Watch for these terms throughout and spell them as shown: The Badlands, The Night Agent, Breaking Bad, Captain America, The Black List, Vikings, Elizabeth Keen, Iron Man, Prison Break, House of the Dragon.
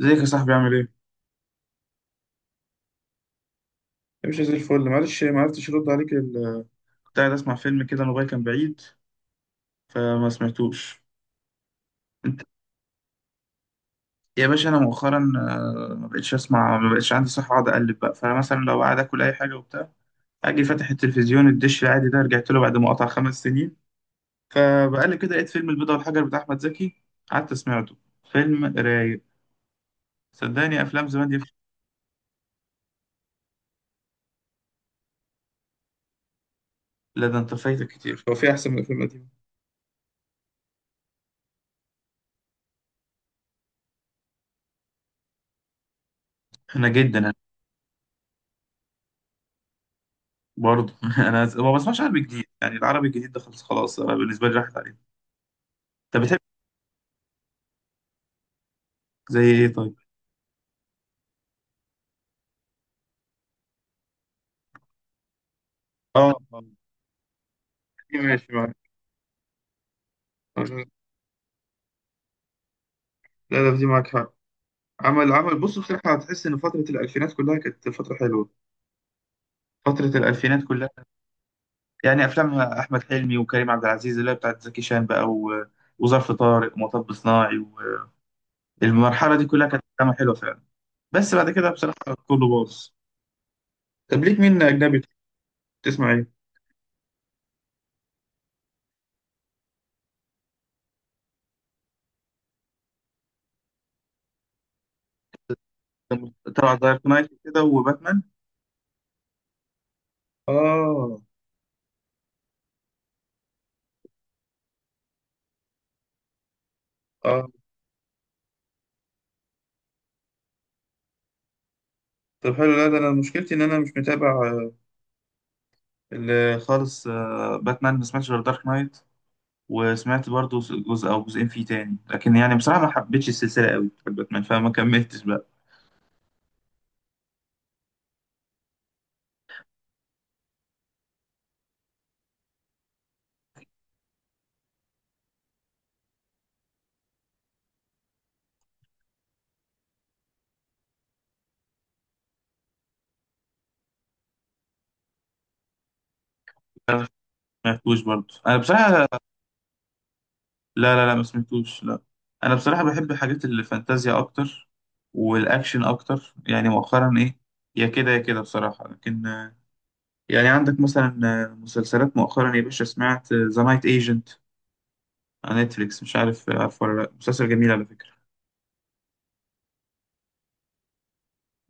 ازيك يا صاحبي عامل ايه؟ مش زي الفل، معلش ما عرفتش ارد عليك كنت قاعد اسمع فيلم كده، الموبايل كان بعيد فما سمعتوش. انت، يا باشا انا مؤخرا ما بقتش اسمع، ما بقتش عندي صحة اقعد اقلب بقى. فانا مثلا لو قاعد اكل اي حاجة وبتاع، اجي فاتح التلفزيون، الدش العادي ده رجعت له بعد ما قطع 5 سنين، فبقلب كده لقيت فيلم البيضة والحجر بتاع احمد زكي، قعدت سمعته. فيلم رايق. صدقني افلام زمان دي. لا، ده انت فايتك كتير، هو في احسن من الافلام القديمة؟ انا جدا. برضه انا ما بسمعش عربي جديد، يعني العربي الجديد ده خلاص خلاص، انا بالنسبه لي راحت عليه. انت بتحب زي ايه طيب؟ اه، آه. ماشي معاك. لا، لا في دي معاك حق. عمل بص، بصراحة هتحس إن فترة الألفينات كلها كانت فترة حلوة. فترة الألفينات كلها. يعني أفلام أحمد حلمي وكريم عبد العزيز اللي هي بتاعت زكي شان بقى و وظرف طارق ومطب صناعي، والمرحلة دي كلها كانت أفلام حلوة فعلا. بس بعد كده بصراحة كله باظ. طب ليك مين أجنبي تسمع إيه؟ طبعا دارك نايت كده وباتمان. آه، اه. طب حلو، لا ده انا مشكلتي ان انا مش متابع خالص باتمان ما سمعتش غير دارك نايت، وسمعت برضو جزء او جزئين فيه تاني، لكن يعني بصراحه ما حبيتش السلسله قوي بتاعت باتمان فما كملتش بقى. ما سمعتوش برضو انا بصراحه، لا. لا، لا ما سمعتوش. لا، انا بصراحه بحب حاجات الفانتازيا اكتر والاكشن اكتر، يعني مؤخرا ايه، يا كده يا كده بصراحه. لكن يعني عندك مثلا مسلسلات مؤخرا يا باشا سمعت ذا نايت ايجنت على نتفليكس؟ مش عارف، عارف ولا لا؟ مسلسل جميل على فكره.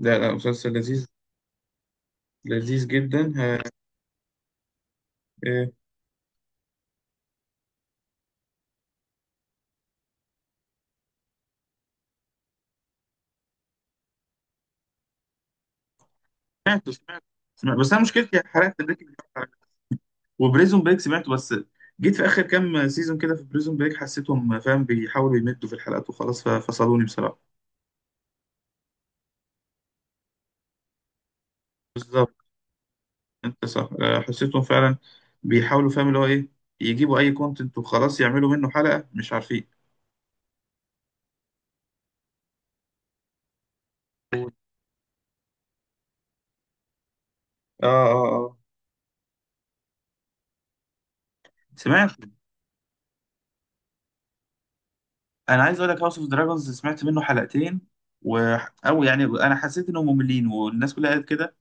لا، لا مسلسل لذيذ، لذيذ جدا. ها. إيه، سمعته سمعته سمعته، بس انا مشكلتي حرقت بريكنج باد وبريزون بريك سمعته، بس جيت في اخر كام سيزون كده في بريزون بريك حسيتهم فاهم بيحاولوا يمدوا في الحلقات وخلاص ففصلوني بصراحه. بالظبط، انت صح حسيتهم فعلا بيحاولوا فاهم اللي هو ايه، يجيبوا اي كونتنت وخلاص يعملوا منه حلقه مش عارفين. اه، اه، اه. سمعت. انا عايز اقول لك هاوس اوف دراجونز سمعت منه حلقتين و او يعني انا حسيت انهم مملين والناس كلها قالت كده،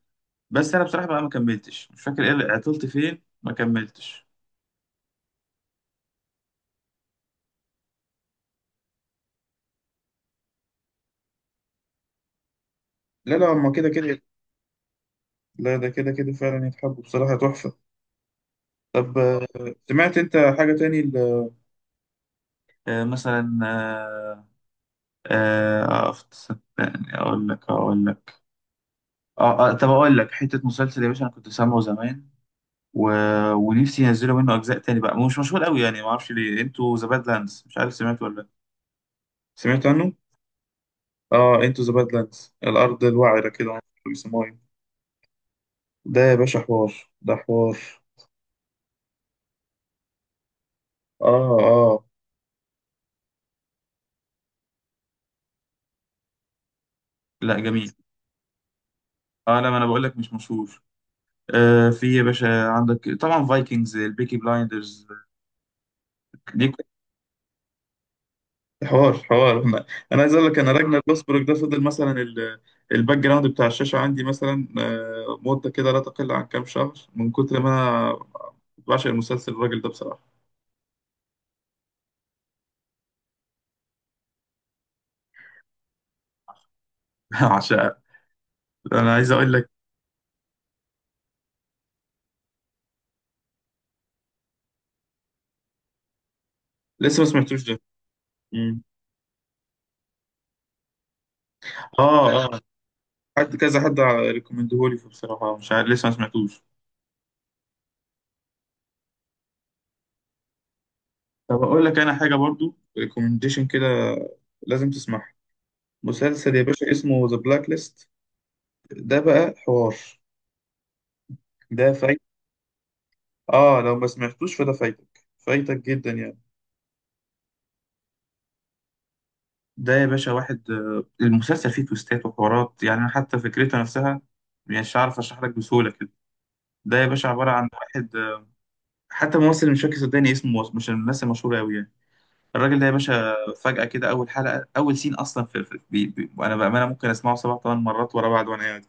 بس انا بصراحه بقى ما كملتش، مش فاكر ايه عطلت فين ما كملتش. لا، لا هما كده كده. لا، ده كده كده فعلا يتحبوا، بصراحة تحفة. طب سمعت انت حاجة تاني مثلا صدقني اقول لك، طب اقول لك حته مسلسل يا باشا انا كنت سامعه زمان و ونفسي ينزلوا منه اجزاء تاني بقى، مش مشهور قوي يعني ما اعرفش ليه، انتوا ذا باد لاندز مش عارف سمعت ولا لأ؟ سمعت عنه؟ اه انتو ذا بادلاندز الأرض الوعرة كده بيسموها. ده يا باشا حوار، ده حوار. اه، اه. لا، جميل. اه، لا ما انا بقول لك مش مشهور. في يا باشا عندك طبعا فايكنجز، البيكي بلايندرز دي حوار حوار. انا عايز اقول لك انا راجنر لوسبروك ده فضل مثلا الباك جراوند بتاع الشاشه عندي مثلا مده كده لا تقل عن كام شهر من كتر ما انا بعشق المسلسل، الراجل ده بصراحه. عشان انا عايز اقول لك لسه ما سمعتوش ده. مم. اه، اه، حد كذا حد ريكومندهولي فبصراحه مش عارف لسه ما سمعتوش. طب اقول لك انا حاجه برضو، ريكومنديشن كده لازم تسمعها، مسلسل يا باشا اسمه ذا بلاك ليست، ده بقى حوار، ده فايت. اه، لو ما سمعتوش فده فايتك، فايتك جدا يعني. ده يا باشا واحد المسلسل فيه تويستات وحوارات، يعني أنا حتى فكرتها نفسها مش عارف اشرح لك بسهوله كده. ده يا باشا عباره عن واحد حتى ممثل مش فاكر صدقني اسمه، مش من الناس المشهوره قوي يعني. الراجل ده يا باشا فجاه كده، اول حلقه، اول سين اصلا في بي بي وانا بامانه ممكن اسمعه سبع ثمان مرات ورا بعض وانا قاعد.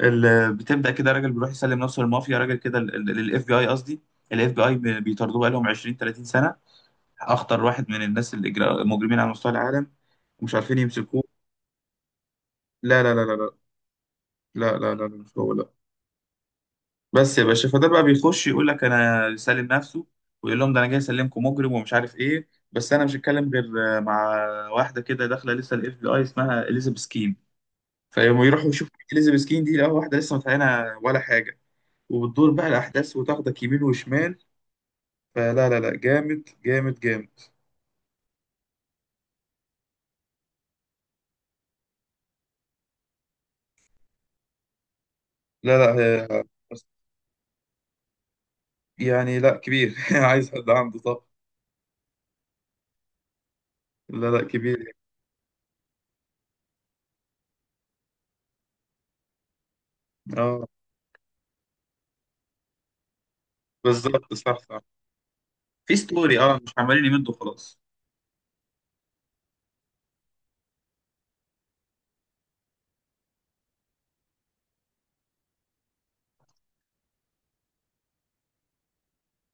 بتبدا كده راجل بيروح يسلم نفسه للمافيا، راجل كده للاف بي اي قصدي، الاف بي اي بيطاردوه بقالهم 20 30 سنه، اخطر واحد من الناس اللي مجرمين على مستوى العالم ومش عارفين يمسكوه. لا لا لا لا لا لا لا لا لا، مش هو، لا. بس يا باشا فده بقى بيخش يقول لك انا سالم نفسه، ويقول لهم ده انا جاي اسلمكم مجرم ومش عارف ايه، بس انا مش هتكلم غير مع واحده كده داخله لسه الاف بي اي اسمها اليزابيث كين، فيقوموا يروحوا يشوفوا اليزابيث كين دي، لا واحده لسه متعينه ولا حاجه، وبتدور بقى الاحداث وتاخدك يمين وشمال. فلا، لا، لا جامد، جامد، جامد. لا، لا هي بس- يعني لا كبير عايز حد عنده. طب لا، لا كبير يعني. اه بالظبط، صح، صح. في ستوري اه، مش عمالين يمدوا خلاص.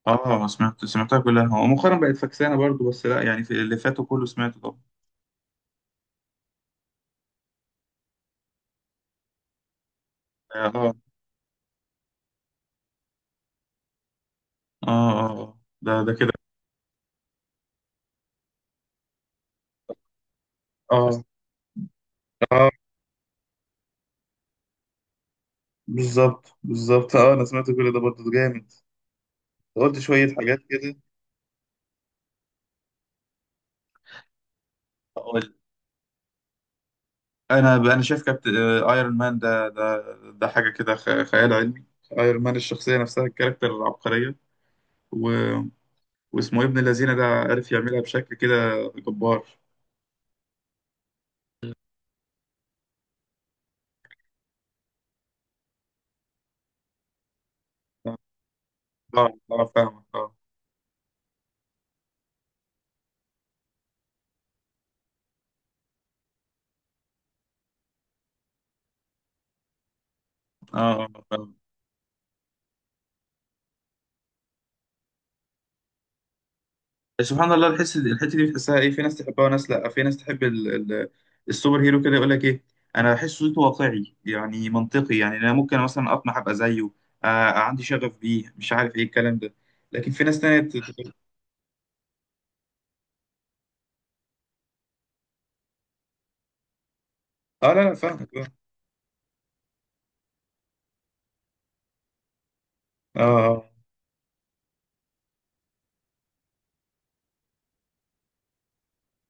اه سمعتها كلها، هو مؤخرا بقت فكسانه برضو بس، لا يعني في اللي فاتوا كله سمعته طبعا. اه، اه، اه، آه، آه. ده ده كده. اه، اه، بالظبط بالظبط، اه انا سمعت كل ده برضو ده جامد. قلت شويه حاجات كده. انا شايف كابتن ايرون مان ده، ده حاجه كده خيال علمي، ايرون مان الشخصيه نفسها، الكاركتر العبقريه و واسمه إيه، ابن الذين ده عارف يعملها بشكل كده جبار. اه، اه فاهمك، اه. اه فاهمك سبحان الله الحس، الحته دي بتحسها ايه، في ناس تحبها وناس لا. في ناس تحب ال... السوبر هيرو كده، يقول لك ايه، انا بحس صوته واقعي يعني منطقي، يعني انا ممكن مثلا اطمح ابقى زيه. آه عندي شغف بيه مش عارف ايه الكلام ده، لكن في ناس تانية اه لا، لا فاهمك، اه. اه، آه،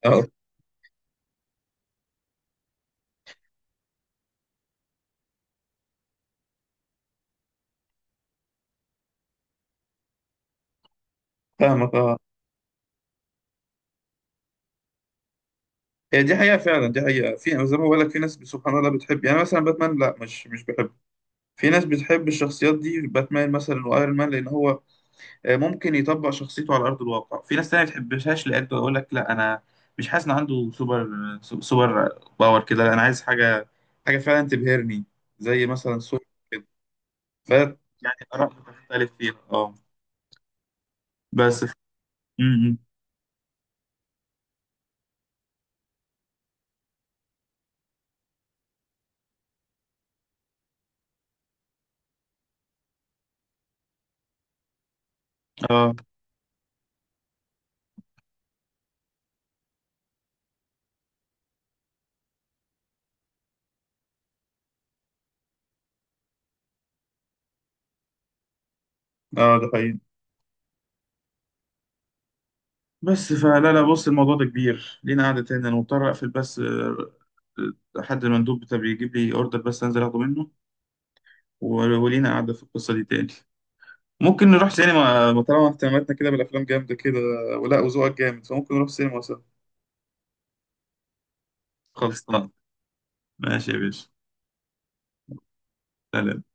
اه فاهمك، اه. هي دي حقيقة فعلا، دي حقيقة. في يعني زي ما بقول لك في ناس سبحان الله بتحب، يعني مثلا باتمان لا، مش بحب. في ناس بتحب الشخصيات دي، باتمان مثلا وايرون مان لان هو ممكن يطبق شخصيته على ارض الواقع. في ناس تانية ما بتحبهاش لان يقول لك لا انا مش حاسس ان عنده سوبر، سوبر باور كده، لا انا عايز حاجة، حاجة فعلا تبهرني، زي مثلا سوبر كده، ف يعني اراء بتختلف فيها اه. بس م- م. اه اه، ده حقيقي. بس فلا، لا، بص الموضوع ده كبير، لينا قعدة تاني. أنا مضطر أقفل بس حد المندوب بتاع بيجيب لي أوردر، بس أنزل أخده منه ولينا قعدة في القصة دي تاني. ممكن نروح سينما ما طالما اهتماماتنا كده بالأفلام جامدة كده، ولا وذوقك جامد فممكن نروح سينما سوا. خلصان، ماشي يا باشا. سلام.